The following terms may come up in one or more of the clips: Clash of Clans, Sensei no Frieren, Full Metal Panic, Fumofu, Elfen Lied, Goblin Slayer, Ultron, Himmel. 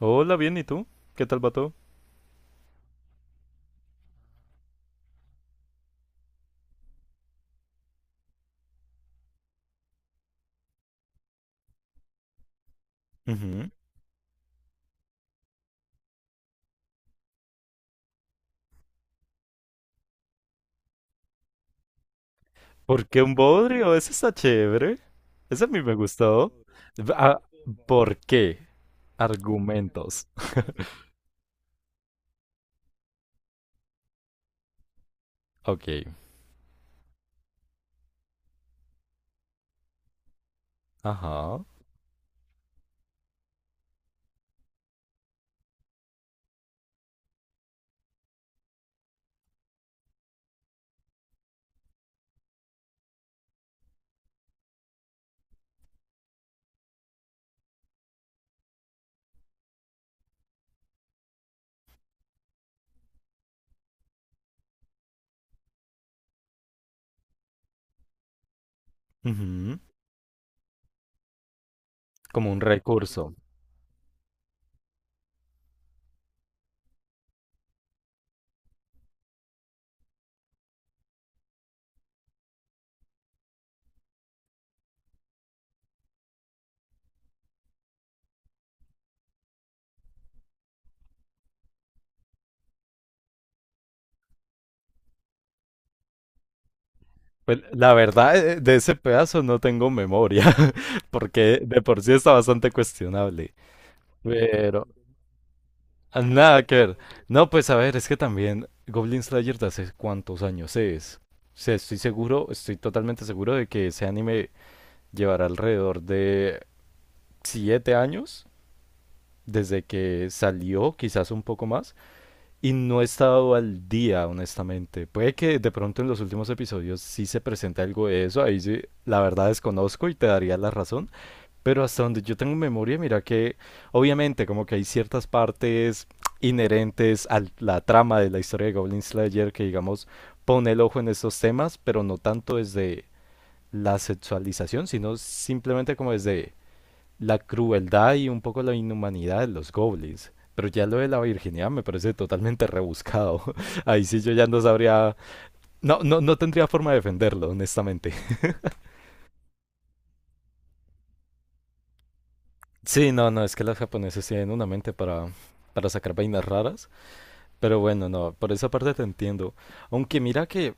Hola, bien, ¿y tú? ¿Qué tal va todo? Ujú. ¿Por qué un bodrio? Ese está chévere. Ese a mí me gustó. Ah, ¿por qué? Argumentos. Ok. Ajá. Ujú. Como un recurso. Pues la verdad, de ese pedazo no tengo memoria, porque de por sí está bastante cuestionable. Pero ah, nada que ver. No, pues a ver, es que también Goblin Slayer de hace cuántos años es. O sea, estoy seguro, estoy totalmente seguro de que ese anime llevará alrededor de 7 años desde que salió, quizás un poco más, y no he estado al día, honestamente. Puede que de pronto en los últimos episodios sí se presente algo de eso, ahí sí, la verdad desconozco y te daría la razón, pero hasta donde yo tengo memoria, mira que obviamente como que hay ciertas partes inherentes a la trama de la historia de Goblin Slayer que digamos pone el ojo en estos temas, pero no tanto desde la sexualización, sino simplemente como desde la crueldad y un poco la inhumanidad de los goblins. Pero ya lo de la virginidad me parece totalmente rebuscado. Ahí sí yo ya no sabría... No, no, no tendría forma de defenderlo, honestamente. Sí, no, no, es que los japoneses tienen una mente para sacar vainas raras. Pero bueno, no, por esa parte te entiendo. Aunque mira que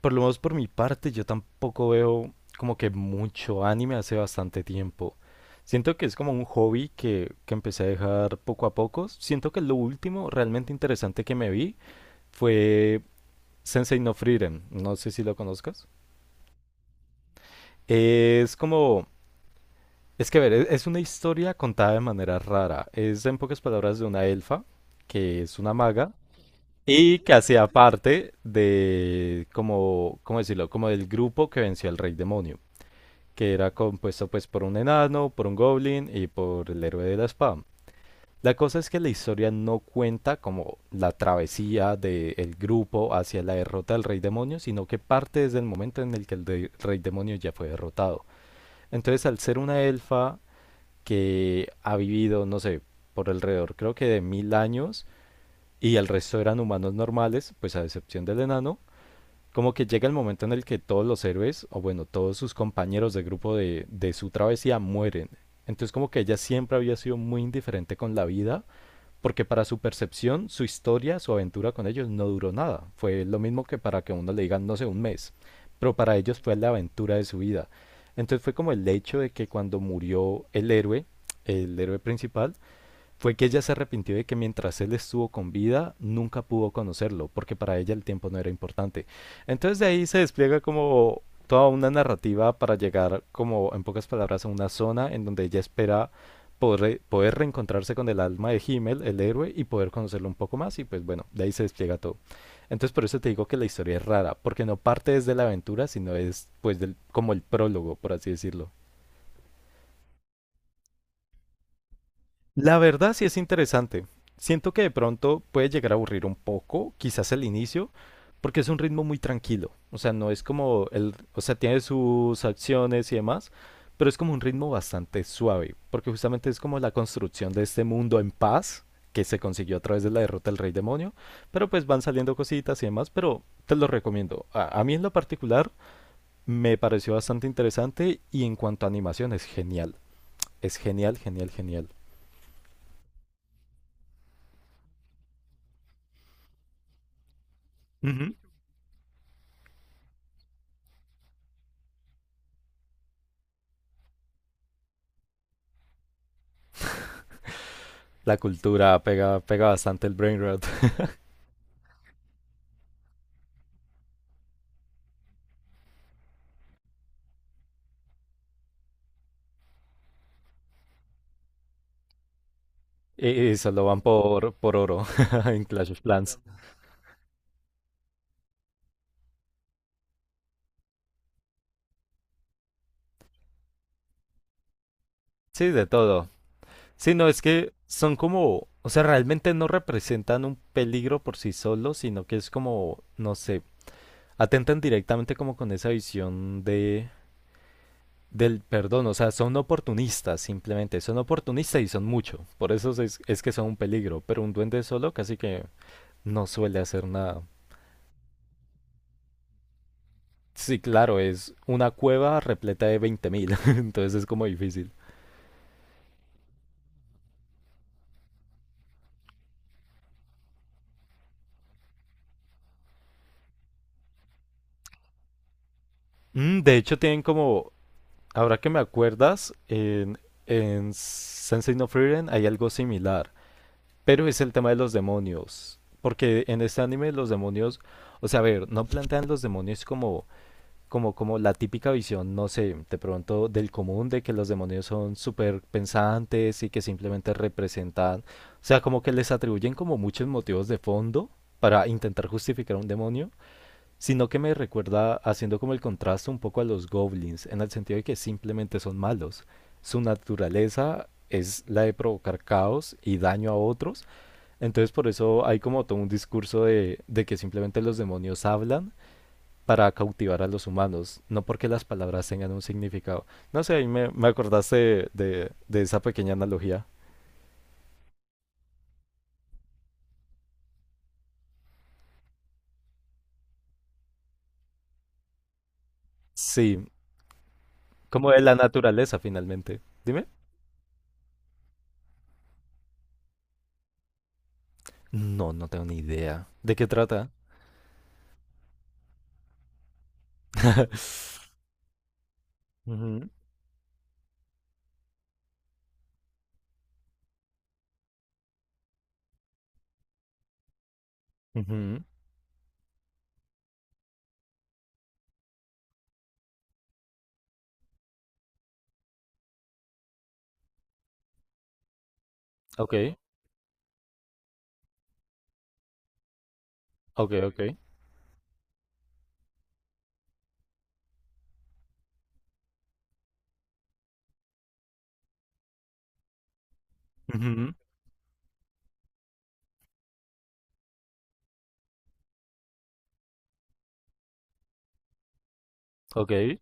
por lo menos por mi parte, yo tampoco veo como que mucho anime hace bastante tiempo. Siento que es como un hobby que empecé a dejar poco a poco. Siento que lo último realmente interesante que me vi fue Sensei no Frieren. No sé si lo conozcas. Es como... Es que, a ver, es una historia contada de manera rara. Es, en pocas palabras, de una elfa, que es una maga, y que hacía parte de, como, ¿cómo decirlo? Como del grupo que venció al rey demonio, que era compuesto pues por un enano, por un goblin y por el héroe de la espada. La cosa es que la historia no cuenta como la travesía del grupo hacia la derrota del rey demonio, sino que parte desde el momento en el que rey demonio ya fue derrotado. Entonces, al ser una elfa que ha vivido, no sé, por alrededor creo que de 1000 años, y el resto eran humanos normales, pues a excepción del enano, como que llega el momento en el que todos los héroes, o bueno, todos sus compañeros de grupo de su travesía mueren. Entonces como que ella siempre había sido muy indiferente con la vida, porque para su percepción, su historia, su aventura con ellos no duró nada. Fue lo mismo que para que uno le digan, no sé, un mes. Pero para ellos fue la aventura de su vida. Entonces fue como el hecho de que cuando murió el héroe principal, fue que ella se arrepintió de que mientras él estuvo con vida nunca pudo conocerlo, porque para ella el tiempo no era importante. Entonces de ahí se despliega como toda una narrativa para llegar como en pocas palabras a una zona en donde ella espera poder reencontrarse con el alma de Himmel, el héroe, y poder conocerlo un poco más y pues bueno, de ahí se despliega todo. Entonces por eso te digo que la historia es rara, porque no parte desde la aventura, sino es pues del, como el prólogo, por así decirlo. La verdad sí es interesante. Siento que de pronto puede llegar a aburrir un poco, quizás el inicio, porque es un ritmo muy tranquilo. O sea, no es como el, o sea, tiene sus acciones y demás, pero es como un ritmo bastante suave, porque justamente es como la construcción de este mundo en paz que se consiguió a través de la derrota del Rey Demonio, pero pues van saliendo cositas y demás, pero te lo recomiendo. A mí en lo particular me pareció bastante interesante y en cuanto a animación es genial. Es genial, genial, genial. La cultura pega, pega bastante el brain rot y solo van por oro en Clash of Clans. Sí, de todo. Sí, no, es que son como, o sea, realmente no representan un peligro por sí solos, sino que es como, no sé, atentan directamente como con esa visión de del perdón, o sea, son oportunistas simplemente, son oportunistas y son mucho, por eso es que son un peligro, pero un duende solo casi que no suele hacer nada. Sí, claro, es una cueva repleta de 20.000, entonces es como difícil. Mm, de hecho, tienen como, ahora que me acuerdas, en Sensei no Frieren hay algo similar, pero es el tema de los demonios, porque en este anime los demonios, o sea, a ver, no plantean los demonios como como la típica visión, no sé, de pronto del común, de que los demonios son súper pensantes y que simplemente representan, o sea, como que les atribuyen como muchos motivos de fondo para intentar justificar a un demonio, sino que me recuerda haciendo como el contraste un poco a los goblins, en el sentido de que simplemente son malos. Su naturaleza es la de provocar caos y daño a otros, entonces por eso hay como todo un discurso de que simplemente los demonios hablan para cautivar a los humanos, no porque las palabras tengan un significado. No sé, me acordaste de esa pequeña analogía. Sí, como de la naturaleza finalmente. Dime. No, no tengo ni idea. ¿De qué trata? Ujú, ujú. Ok, ok, ok. Ujú, ok.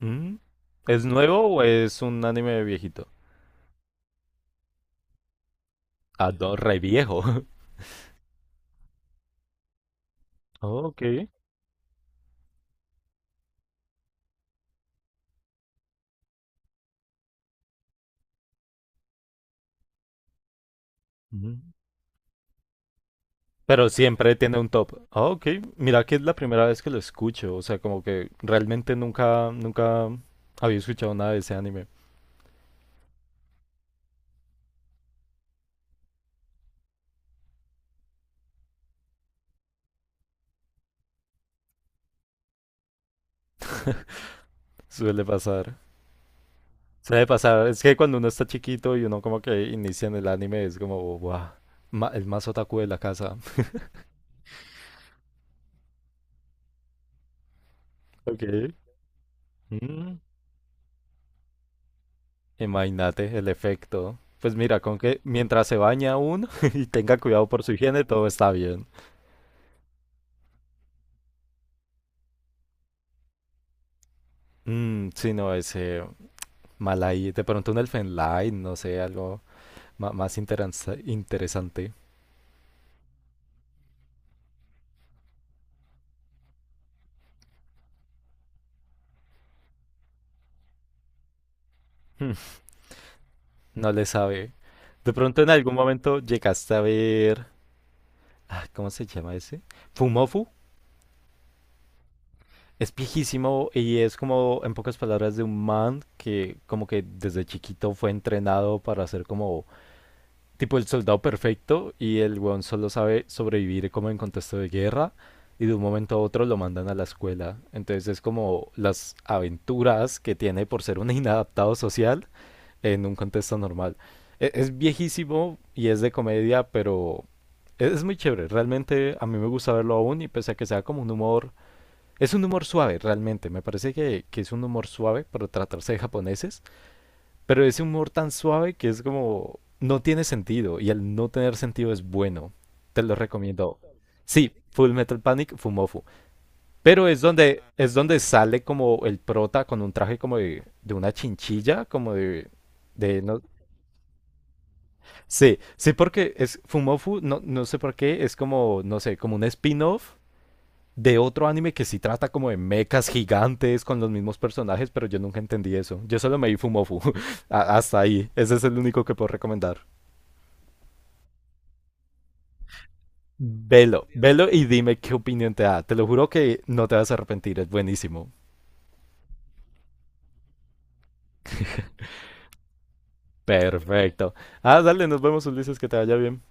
Mm. ¿Es nuevo o es un anime viejito? Ah, no, re viejo. Ok. Pero siempre tiene un top. Ah, ok. Mira que es la primera vez que lo escucho. O sea, como que realmente nunca, nunca había escuchado nada de ese anime. Suele pasar. Suele pasar. Es que cuando uno está chiquito y uno como que inicia en el anime es como, wow, el más otaku de la casa. Ok. Mm, imagínate el efecto. Pues mira, con que mientras se baña uno y tenga cuidado por su higiene, todo está bien. Mm, sí, no, ese mal ahí. De pronto un Elfen Lied, no sé, algo más interesante. Hmm, no le sabe. De pronto en algún momento llegaste a ver... ah, ¿cómo se llama ese? Fumofu. Es viejísimo y es como, en pocas palabras, de un man que como que desde chiquito fue entrenado para ser como tipo el soldado perfecto y el weón solo sabe sobrevivir como en contexto de guerra y de un momento a otro lo mandan a la escuela. Entonces es como las aventuras que tiene por ser un inadaptado social en un contexto normal. Es, viejísimo y es de comedia, pero es muy chévere. Realmente a mí me gusta verlo aún y pese a que sea como un humor... Es un humor suave, realmente. Me parece que es un humor suave para tratarse de japoneses, pero ese humor tan suave que es como... No tiene sentido y el no tener sentido es bueno. Te lo recomiendo. Sí, Full Metal Panic, Fumofu. Pero es donde sale como el prota con un traje como de una chinchilla, como de, no- Sí, sí, porque es Fumofu, no, no sé por qué, es como, no sé, como un spin-off de otro anime que sí trata como de mechas gigantes con los mismos personajes, pero yo nunca entendí eso. Yo solo me vi Fumofu, hasta ahí. Ese es el único que puedo recomendar. Velo, velo y dime qué opinión te da. Te lo juro que no te vas a arrepentir, es buenísimo. Perfecto. Ah, dale, nos vemos, Ulises, que te vaya bien.